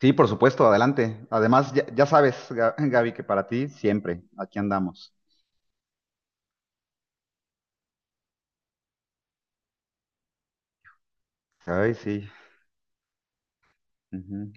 Sí, por supuesto, adelante. Además, ya sabes, Gaby, que para ti siempre, aquí andamos. Ay, sí. Ujú.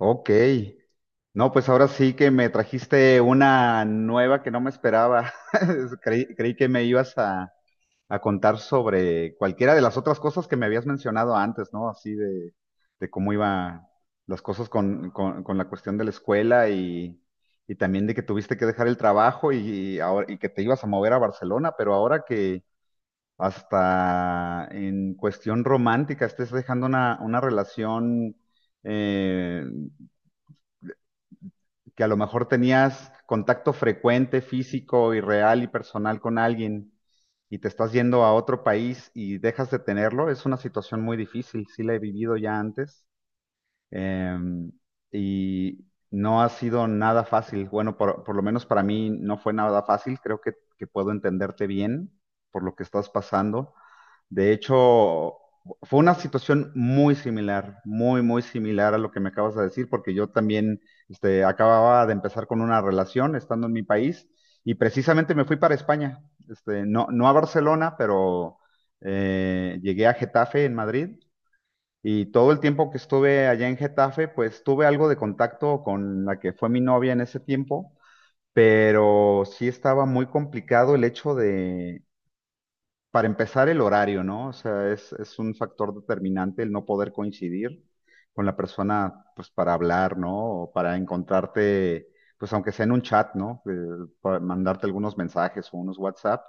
Ok. No, pues ahora sí que me trajiste una nueva que no me esperaba. Creí que me ibas a contar sobre cualquiera de las otras cosas que me habías mencionado antes, ¿no? Así de cómo iban las cosas con la cuestión de la escuela y también de que tuviste que dejar el trabajo y, ahora, y que te ibas a mover a Barcelona, pero ahora que hasta en cuestión romántica, estés dejando una relación eh, que a lo mejor tenías contacto frecuente, físico y real y personal con alguien y te estás yendo a otro país y dejas de tenerlo, es una situación muy difícil, sí la he vivido ya antes eh, y no ha sido nada fácil. Bueno, por lo menos para mí no fue nada fácil, creo que puedo entenderte bien por lo que estás pasando. De hecho, fue una situación muy similar, muy, muy similar a lo que me acabas de decir, porque yo también acababa de empezar con una relación estando en mi país y precisamente me fui para España. No, no a Barcelona, pero llegué a Getafe en Madrid y todo el tiempo que estuve allá en Getafe, pues tuve algo de contacto con la que fue mi novia en ese tiempo, pero sí estaba muy complicado el hecho para empezar, el horario, ¿no? O sea, es un factor determinante el no poder coincidir con la persona, pues, para hablar, ¿no? O para encontrarte, pues, aunque sea en un chat, ¿no? Para mandarte algunos mensajes o unos WhatsApp.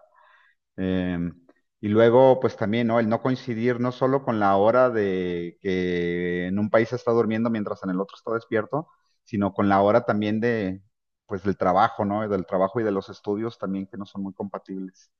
Em, y luego, pues, también, ¿no? El no coincidir no solo con la hora de que en un país está durmiendo mientras en el otro está despierto, sino con la hora también de, pues, del trabajo, ¿no? Del trabajo y de los estudios también que no son muy compatibles.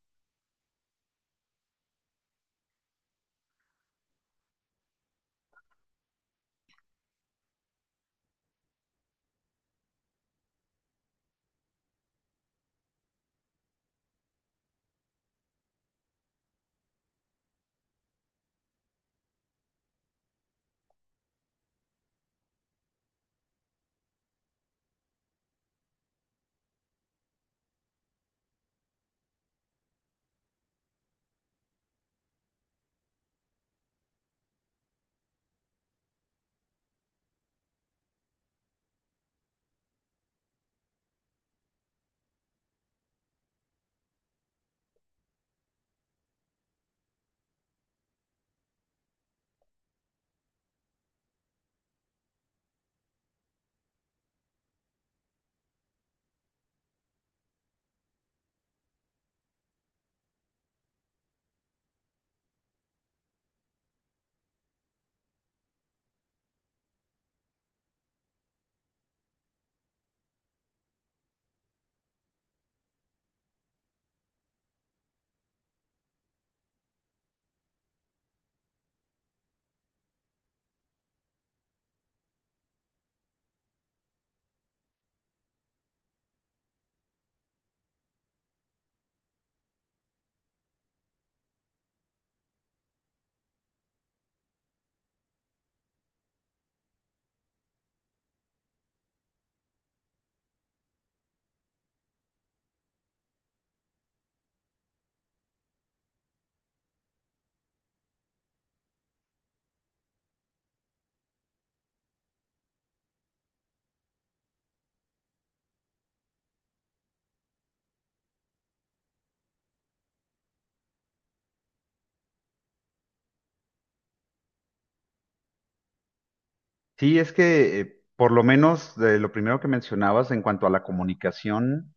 Sí, es que por lo menos de lo primero que mencionabas en cuanto a la comunicación,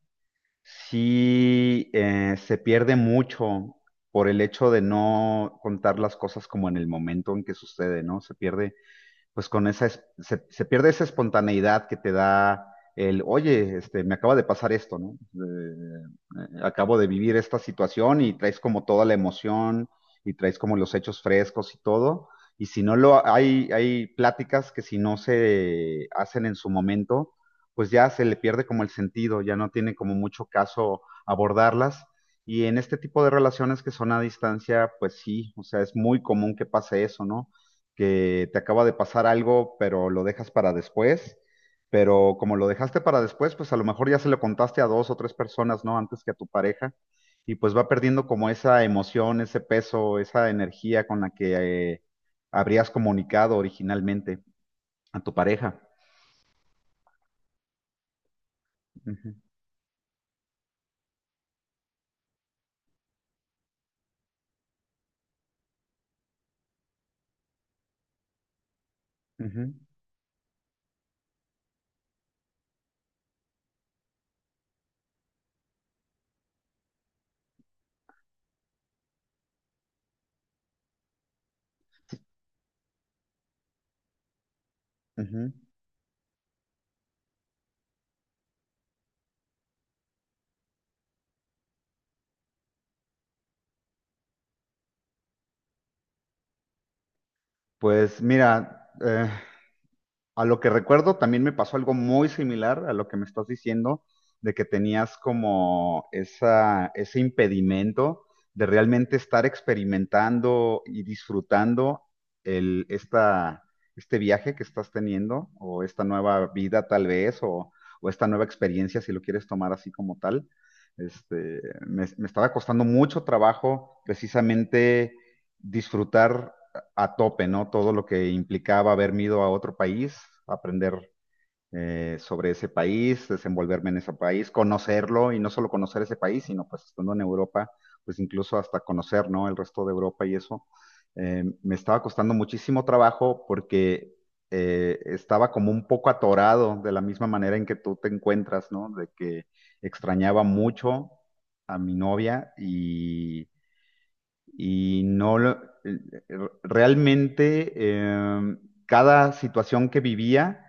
sí se pierde mucho por el hecho de no contar las cosas como en el momento en que sucede, ¿no? Se pierde pues con esa, se pierde esa espontaneidad que te da el, oye, me acaba de pasar esto, ¿no? Acabo de vivir esta situación y traes como toda la emoción y traes como los hechos frescos y todo. Y si no hay pláticas que si no se hacen en su momento, pues ya se le pierde como el sentido, ya no tiene como mucho caso abordarlas. Y en este tipo de relaciones que son a distancia, pues sí, o sea, es muy común que pase eso, ¿no? Que te acaba de pasar algo, pero lo dejas para después. Pero como lo dejaste para después, pues a lo mejor ya se lo contaste a dos o tres personas, ¿no? Antes que a tu pareja. Y pues va perdiendo como esa emoción, ese peso, esa energía con la que habrías comunicado originalmente a tu pareja. Ujú, ujú, ujú. Pues mira, a lo que recuerdo, también me pasó algo muy similar a lo que me estás diciendo, de que tenías como ese impedimento de realmente estar experimentando y disfrutando el, esta, este viaje que estás teniendo, o esta nueva vida tal vez, o, esta nueva experiencia, si lo quieres tomar así como tal. Este, me estaba costando mucho trabajo precisamente disfrutar a tope, ¿no? Todo lo que implicaba haberme ido a otro país, aprender sobre ese país, desenvolverme en ese país, conocerlo y no solo conocer ese país, sino pues estando en Europa, pues incluso hasta conocer, ¿no? El resto de Europa y eso. Me estaba costando muchísimo trabajo porque estaba como un poco atorado de la misma manera en que tú te encuentras, ¿no? De que extrañaba mucho a mi novia y no, realmente cada situación que vivía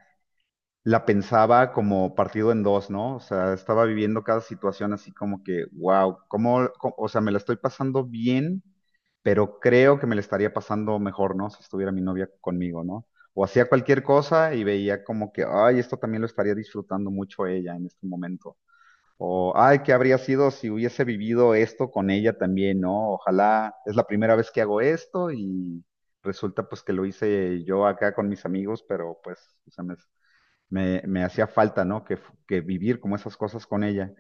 la pensaba como partido en dos, ¿no? O sea, estaba viviendo cada situación así como que, wow, o sea, me la estoy pasando bien, pero creo que me la estaría pasando mejor, ¿no? Si estuviera mi novia conmigo, ¿no? O hacía cualquier cosa y veía como que, ay, esto también lo estaría disfrutando mucho ella en este momento. O, ay, ¿qué habría sido si hubiese vivido esto con ella también, no? Ojalá es la primera vez que hago esto y resulta pues que lo hice yo acá con mis amigos, pero pues o sea, me hacía falta, ¿no? Que vivir como esas cosas con ella.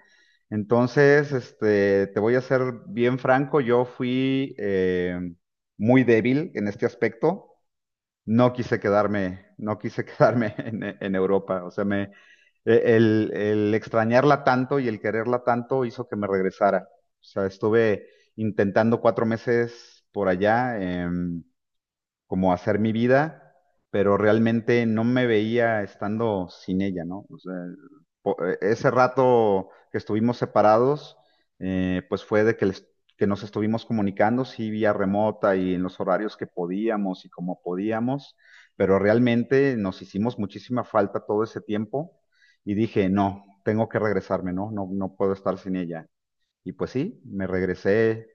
Entonces, te voy a ser bien franco, yo fui muy débil en este aspecto, no quise quedarme en Europa. O sea, el extrañarla tanto y el quererla tanto hizo que me regresara. O sea, estuve intentando 4 meses por allá. Como hacer mi vida, pero realmente no me veía estando sin ella, ¿no? O sea, ese rato que estuvimos separados, pues fue de que, que nos estuvimos comunicando, sí, vía remota y en los horarios que podíamos y como podíamos, pero realmente nos hicimos muchísima falta todo ese tiempo y dije, no, tengo que regresarme, ¿no? No, no puedo estar sin ella. Y pues sí, me regresé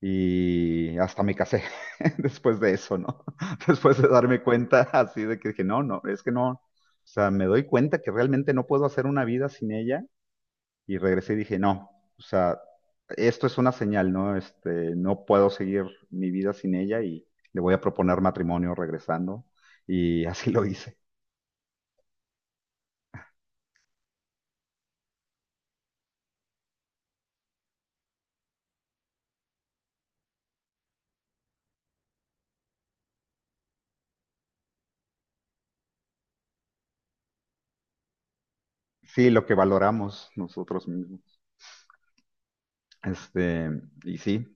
y hasta me casé después de eso, ¿no? Después de darme cuenta así de que dije, no, no, es que no. O sea, me doy cuenta que realmente no puedo hacer una vida sin ella. Y regresé y dije, no, o sea, esto es una señal, ¿no? No puedo seguir mi vida sin ella y le voy a proponer matrimonio regresando. Y así lo hice. Sí, lo que valoramos nosotros mismos. Este, y sí,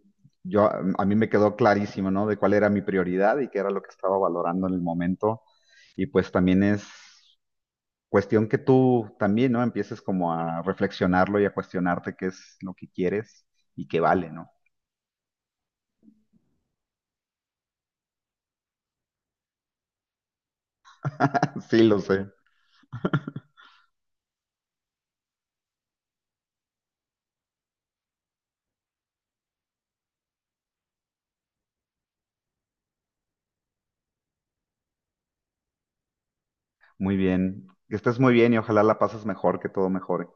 yo a mí me quedó clarísimo, ¿no? De cuál era mi prioridad y qué era lo que estaba valorando en el momento. Y pues también es cuestión que tú también, ¿no? Empieces como a reflexionarlo y a cuestionarte qué es lo que quieres y qué vale, ¿no? Sí, lo sé. Muy bien. Que estés muy bien y ojalá la pases mejor, que todo mejore.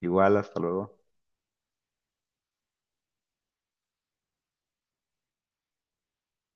Igual, hasta luego.